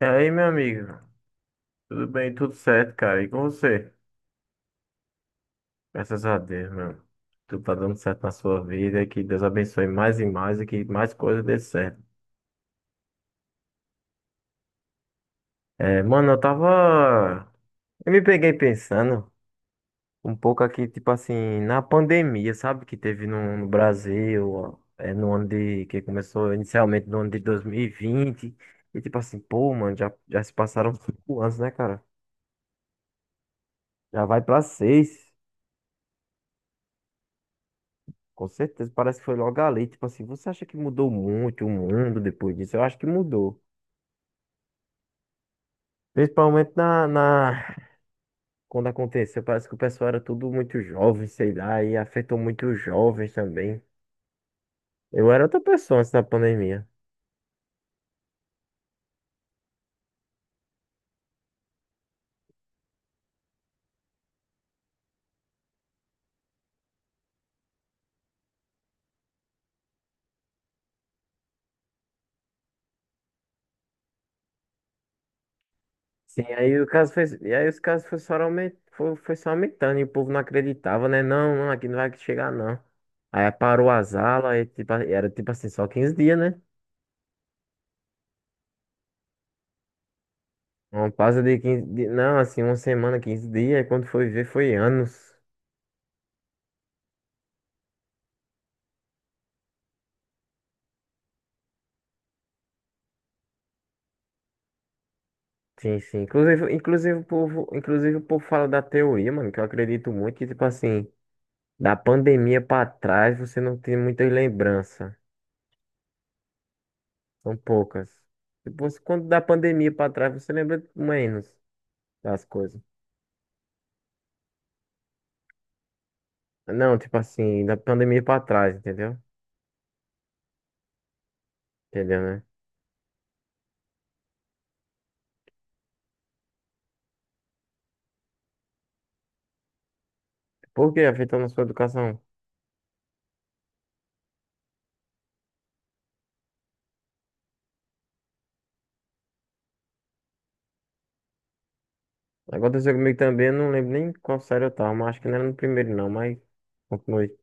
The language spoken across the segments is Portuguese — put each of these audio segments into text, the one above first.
E aí, meu amigo? Tudo bem, tudo certo, cara? E com você? Graças a Deus, meu. Tudo tá dando certo na sua vida. Que Deus abençoe mais e mais e que mais coisas dê certo. É, mano, eu tava. Eu me peguei pensando um pouco aqui, tipo assim, na pandemia, sabe? Que teve no Brasil, ó, é, no ano de. Que começou inicialmente no ano de 2020. E vinte. E tipo assim, pô, mano, já se passaram 5 anos, né, cara? Já vai pra seis. Com certeza, parece que foi logo ali. Tipo assim, você acha que mudou muito o mundo depois disso? Eu acho que mudou. Principalmente na, na... Quando aconteceu, parece que o pessoal era tudo muito jovem, sei lá, e afetou muito os jovens também. Eu era outra pessoa antes da pandemia. Sim, aí o caso fez... e aí os casos foi só aument... foi só aumentando e o povo não acreditava, né? Não, não, aqui não vai chegar, não. Aí parou as aulas, aí, tipo, era tipo assim, só 15 dias, né? Uma pausa de 15 dias, não, assim, uma semana, 15 dias, e quando foi ver, foi anos. Sim, sim. Inclusive o povo fala da teoria, mano, que eu acredito muito que, tipo assim, da pandemia pra trás você não tem muitas lembranças. São poucas. Depois, quando da pandemia pra trás, você lembra menos das coisas. Não, tipo assim, da pandemia pra trás, entendeu? Entendeu, né? Por que afetando a sua educação? Aconteceu comigo também, eu não lembro nem qual série eu tava, mas acho que não era no primeiro não, mas continuei.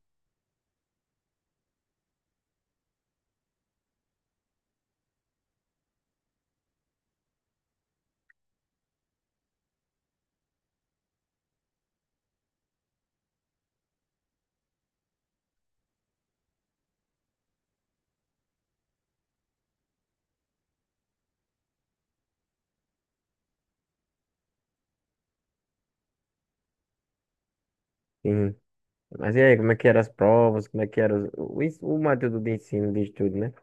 Sim. Mas e aí, como é que eram as provas, como é que era o material do ensino de estudo, né?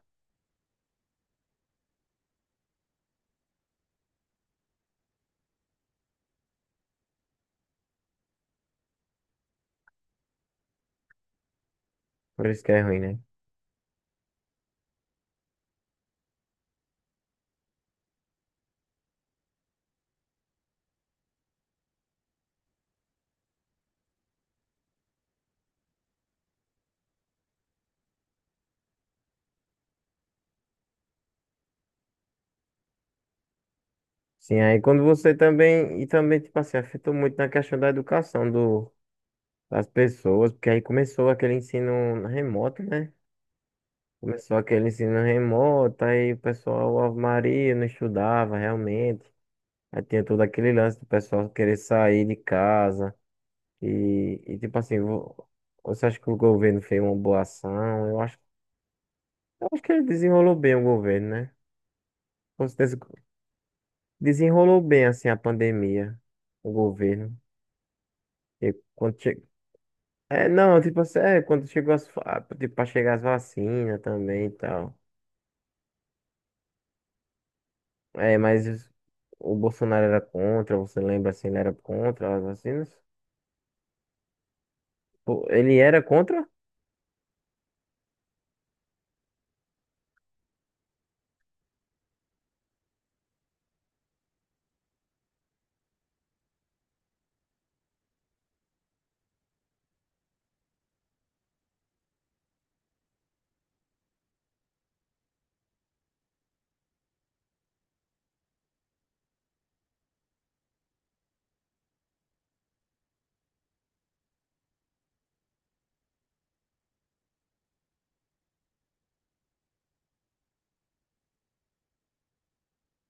Por isso que é ruim, né? Sim, aí quando você também, e também, tipo assim, afetou muito na questão da educação do, das pessoas, porque aí começou aquele ensino remoto, né? Começou aquele ensino remoto, aí o pessoal, Ave Maria, não estudava realmente. Aí tinha todo aquele lance do pessoal querer sair de casa. E tipo assim, você acha que o governo fez uma boa ação? Eu acho que ele desenrolou bem o governo, né? Com certeza, desenrolou bem, assim, a pandemia, o governo. E quando che... É, não, tipo assim, é, quando chegou as, fa- ah, tipo, pra chegar as vacinas também e tal. É, mas o Bolsonaro era contra, você lembra assim, ele era contra as vacinas? Pô, ele era contra?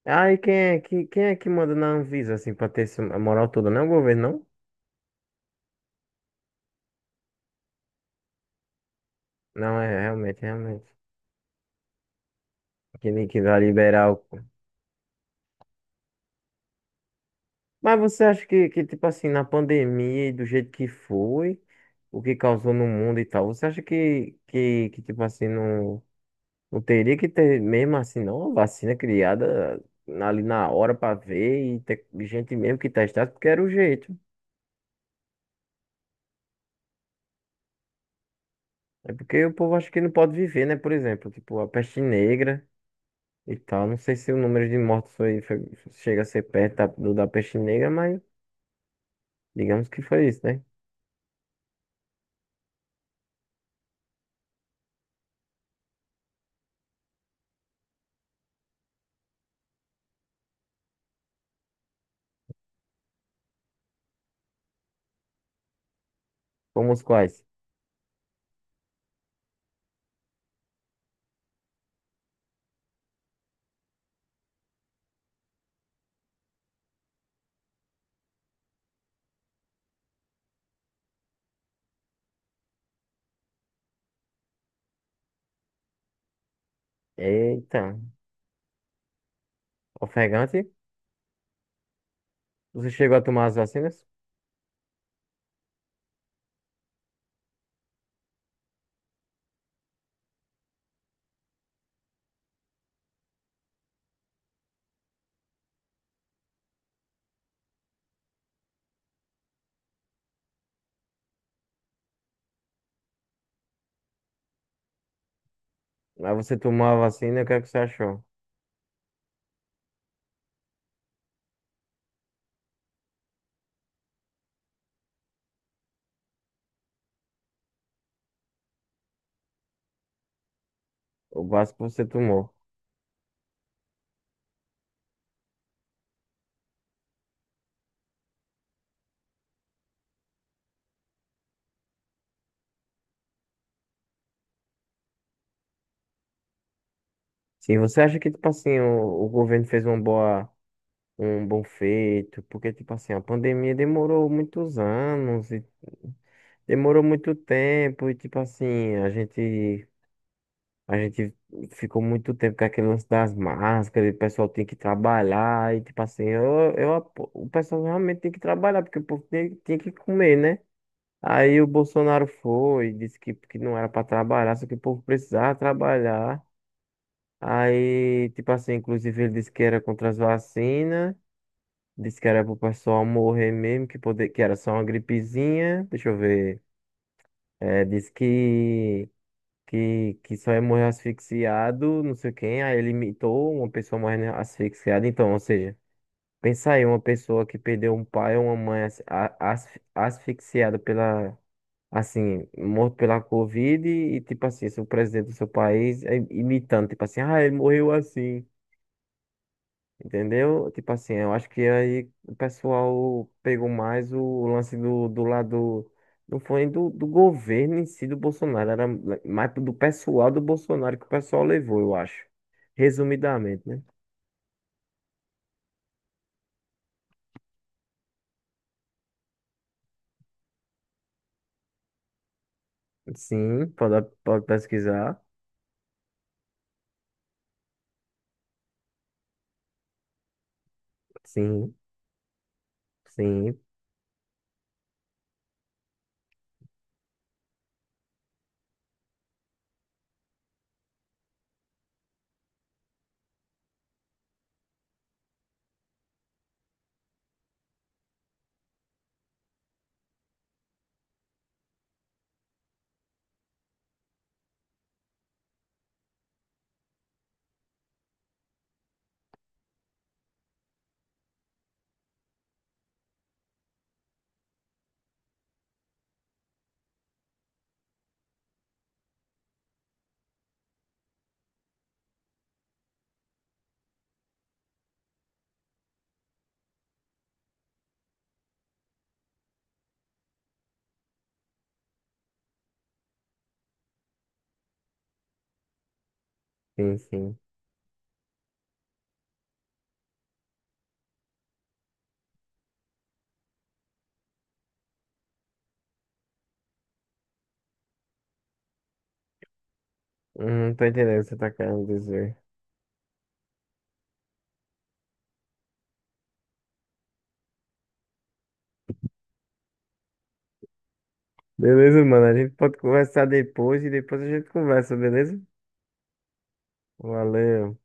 Ah, e quem é que manda na Anvisa, assim, pra ter essa moral toda? Não é o governo, não? Não, é, realmente, realmente. Que, nem que vai liberar o... Mas você acha que, tipo assim, na pandemia e do jeito que foi, o que causou no mundo e tal, você acha que tipo assim, não... Não teria que ter, mesmo assim, não, uma vacina criada ali na hora pra ver e ter gente mesmo que testasse, porque era o jeito. É porque o povo acha que não pode viver, né? Por exemplo, tipo a peste negra e tal. Não sei se o número de mortos chega a ser perto do da peste negra, mas digamos que foi isso, né? Como os quais? Eita, ofegante, você chegou a tomar as vacinas? Mas você tomou a vacina, o que é que você achou? O básico que você tomou. Se você acha que, tipo assim, o governo fez uma boa. Um bom feito, porque, tipo assim, a pandemia demorou muitos anos e demorou muito tempo e, tipo assim, a gente ficou muito tempo com aquele lance das máscaras, e o pessoal tem que trabalhar e, tipo assim, o pessoal realmente tem que trabalhar, porque o povo tem que comer, né? Aí o Bolsonaro foi, disse que não era para trabalhar, só que o povo precisava trabalhar. Aí, tipo assim, inclusive ele disse que era contra as vacinas. Disse que era pro pessoal morrer mesmo, que, poder, que era só uma gripezinha. Deixa eu ver. É, disse que só ia morrer asfixiado, não sei quem. Aí ele imitou uma pessoa morrendo asfixiada. Então, ou seja, pensa aí, uma pessoa que perdeu um pai ou uma mãe asfixiada pela, assim, morto pela Covid e, tipo assim, se o presidente do seu país é imitando, tipo assim, ah, ele morreu assim. Entendeu? Tipo assim, eu acho que aí o pessoal pegou mais o lance do lado. Não foi do governo em si do Bolsonaro, era mais do pessoal do Bolsonaro que o pessoal levou, eu acho. Resumidamente, né? Sim, pode pesquisar. Sim, sim, sim, sim. Não tô entendendo o que você tá querendo dizer. Beleza, mano, a gente pode conversar depois e depois a gente conversa, beleza? Valeu.